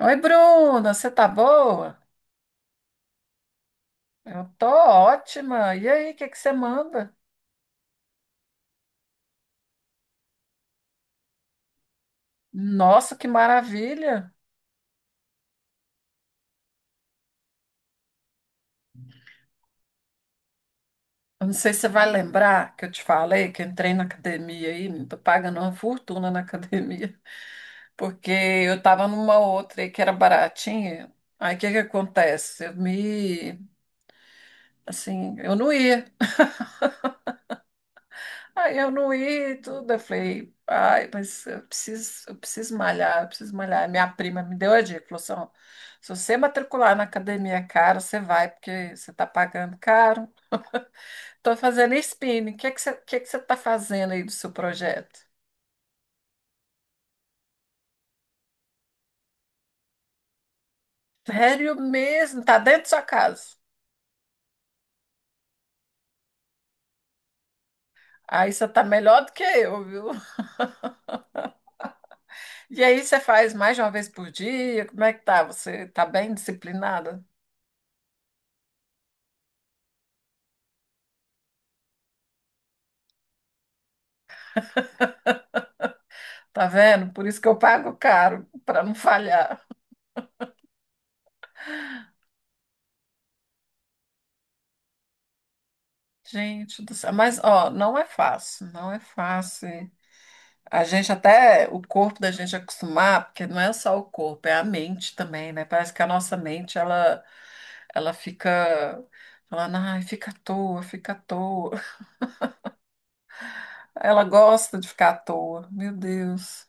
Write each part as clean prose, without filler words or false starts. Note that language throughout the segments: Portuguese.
Oi, Bruna, você tá boa? Eu tô ótima. E aí, o que que você manda? Nossa, que maravilha! Eu não sei se você vai lembrar que eu te falei que eu entrei na academia aí, não tô pagando uma fortuna na academia, porque eu tava numa outra aí que era baratinha. Aí o que que acontece? Assim, eu não ia. Aí eu não ia e tudo. Eu falei, ai, mas eu preciso malhar, eu preciso malhar. Minha prima me deu a dica, falou assim, ó, se você matricular na academia cara, você vai, porque você está pagando caro. Estou fazendo spinning. O que é que você está fazendo aí do seu projeto? Sério mesmo, tá dentro da sua casa. Aí você tá melhor do que eu, viu? E aí você faz mais de uma vez por dia? Como é que tá? Você tá bem disciplinada? Tá vendo? Por isso que eu pago caro, para não falhar. Gente do céu, mas ó, não é fácil. A gente até, o corpo da gente acostumar, porque não é só o corpo, é a mente também, né? Parece que a nossa mente, ela fica falando, ai, fica à toa. Ela gosta de ficar à toa, meu Deus.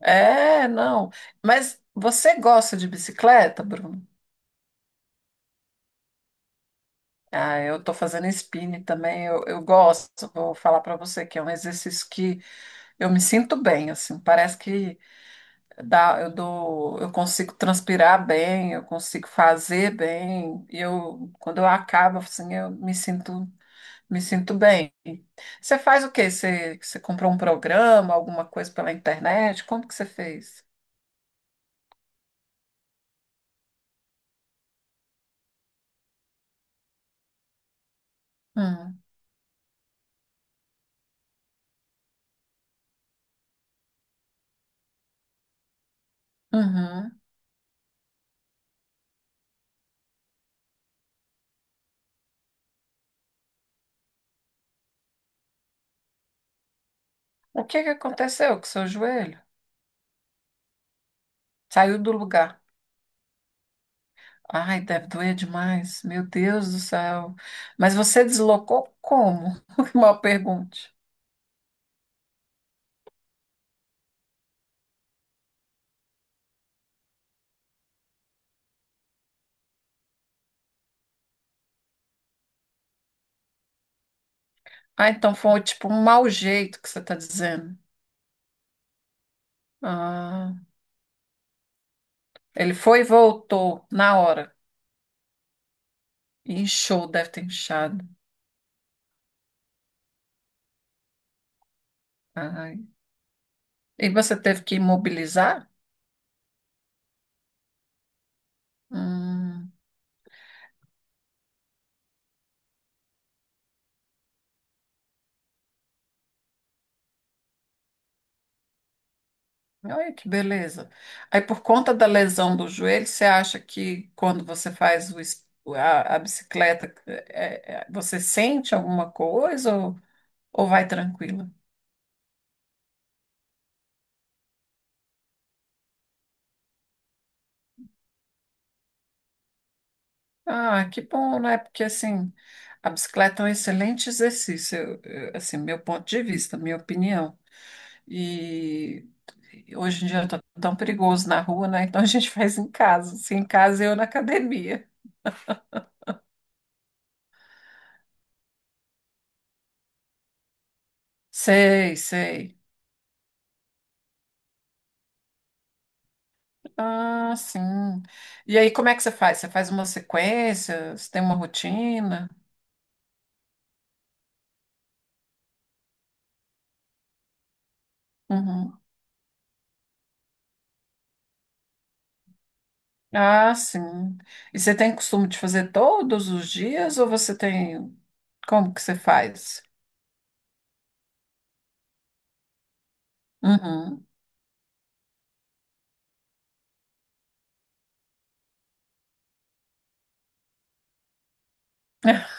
É, não. Mas você gosta de bicicleta, Bruno? Ah, eu tô fazendo spinning também, eu gosto. Vou falar pra você que é um exercício que eu me sinto bem, assim, parece que eu consigo transpirar bem, eu consigo fazer bem, e eu, quando eu acabo, assim, me sinto bem. Você faz o quê? Você comprou um programa, alguma coisa pela internet? Como que você fez? Hum, uhum. O que que aconteceu com o seu joelho? Saiu do lugar. Ai, deve doer demais. Meu Deus do céu. Mas você deslocou como? Mal pergunte. Ah, então foi tipo um mau jeito que você está dizendo. Ah, ele foi e voltou na hora. Inchou, deve ter inchado. Ai. E você teve que imobilizar? Hum, olha que beleza. Aí, por conta da lesão do joelho, você acha que quando você faz a bicicleta, você sente alguma coisa ou vai tranquila? Ah, que bom, né? Porque assim, a bicicleta é um excelente exercício, assim, meu ponto de vista, minha opinião. E hoje em dia tá tão perigoso na rua, né? Então a gente faz em casa. Se em casa, eu na academia. Sei, sei. Ah, sim. E aí, como é que você faz? Você faz uma sequência? Você tem uma rotina? Uhum. Ah, sim. E você tem costume de fazer todos os dias ou você tem. Como que você faz? Uhum.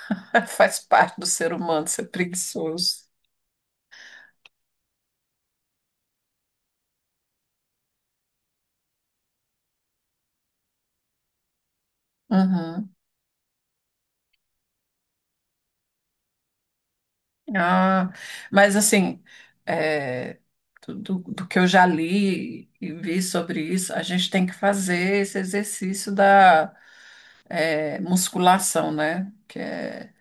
Faz parte do ser humano ser preguiçoso. Uhum. Ah, mas assim, é, do que eu já li e vi sobre isso, a gente tem que fazer esse exercício da é, musculação, né?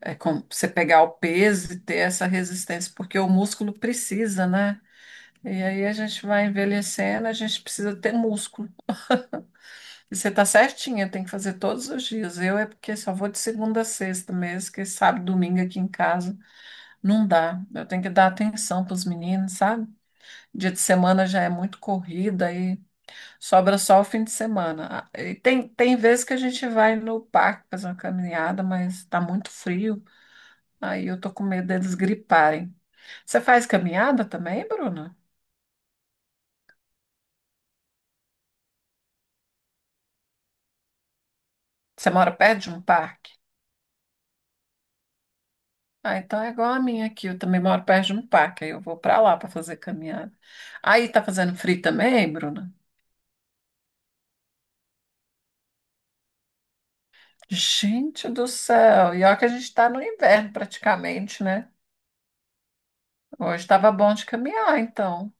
É você pegar o peso e ter essa resistência, porque o músculo precisa, né? E aí a gente vai envelhecendo, a gente precisa ter músculo. E você tá certinha, tem que fazer todos os dias. Eu é porque só vou de segunda a sexta mesmo, que sábado, domingo aqui em casa. Não dá. Eu tenho que dar atenção para os meninos, sabe? Dia de semana já é muito corrida e sobra só o fim de semana. Ah, e tem vezes que a gente vai no parque fazer uma caminhada, mas está muito frio. Aí eu tô com medo deles griparem. Você faz caminhada também, Bruna? Você mora perto de um parque? Ah, então é igual a minha aqui. Eu também moro perto de um parque. Aí eu vou para lá para fazer caminhada. Aí tá fazendo frio também, Bruna? Gente do céu. E olha que a gente tá no inverno praticamente, né? Hoje estava bom de caminhar, então.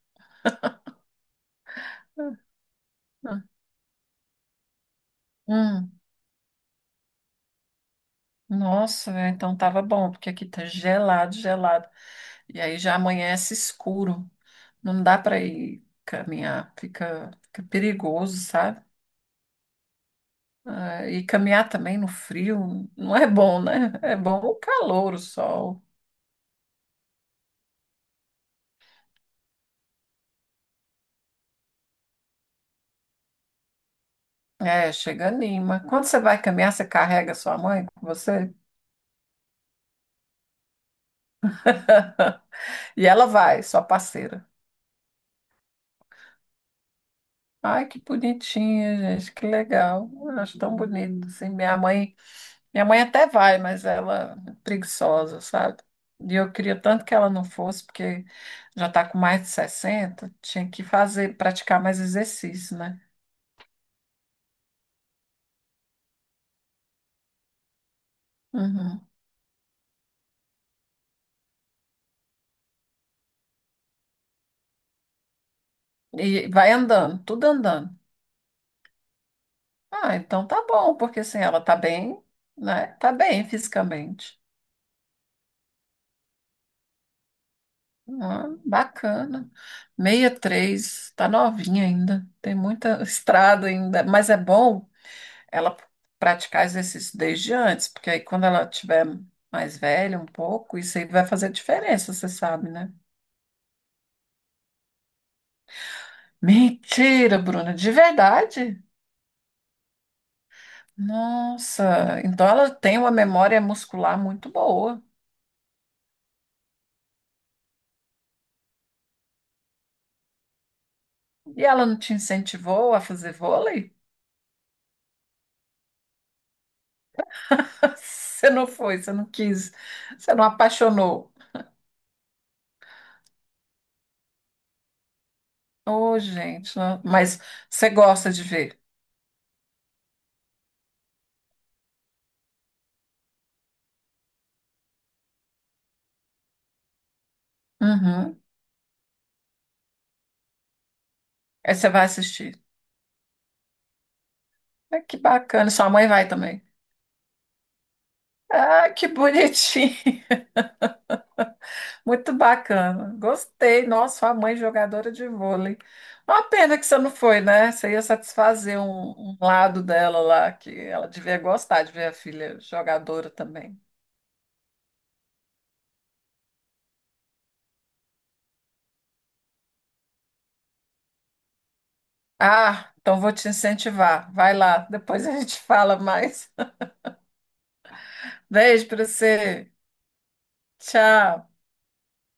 Hum, nossa, é, então tava bom, porque aqui tá gelado, gelado. E aí já amanhece escuro. Não dá para ir caminhar, fica perigoso, sabe? Ah, e caminhar também no frio não é bom, né? É bom o calor, o sol. É, chega anima. Quando você vai caminhar, você carrega sua mãe com você? E ela vai, sua parceira. Ai, que bonitinho, gente, que legal. Eu acho tão bonito, assim. Minha mãe até vai, mas ela é preguiçosa, sabe? E eu queria tanto que ela não fosse, porque já está com mais de 60 tinha que fazer, praticar mais exercício, né? Uhum. E vai andando, tudo andando. Ah, então tá bom, porque assim, ela tá bem, né? Tá bem fisicamente. Ah, bacana. 63 tá novinha ainda, tem muita estrada ainda, mas é bom ela praticar exercício desde antes, porque aí quando ela tiver mais velha um pouco, isso aí vai fazer diferença, você sabe, né? Mentira, Bruna, de verdade? Nossa, então ela tem uma memória muscular muito boa. E ela não te incentivou a fazer vôlei? Você não foi, você não quis, você não apaixonou. Ô, gente, não- mas você gosta de ver. Uhum. Aí você vai assistir. Ah, que bacana, sua mãe vai também. Ah, que bonitinho. Muito bacana. Gostei. Nossa, sua mãe jogadora de vôlei. Uma pena que você não foi, né? Você ia satisfazer um lado dela lá, que ela devia gostar de ver a filha jogadora também. Ah, então vou te incentivar. Vai lá, depois a gente fala mais. Beijo pra você. Tchau.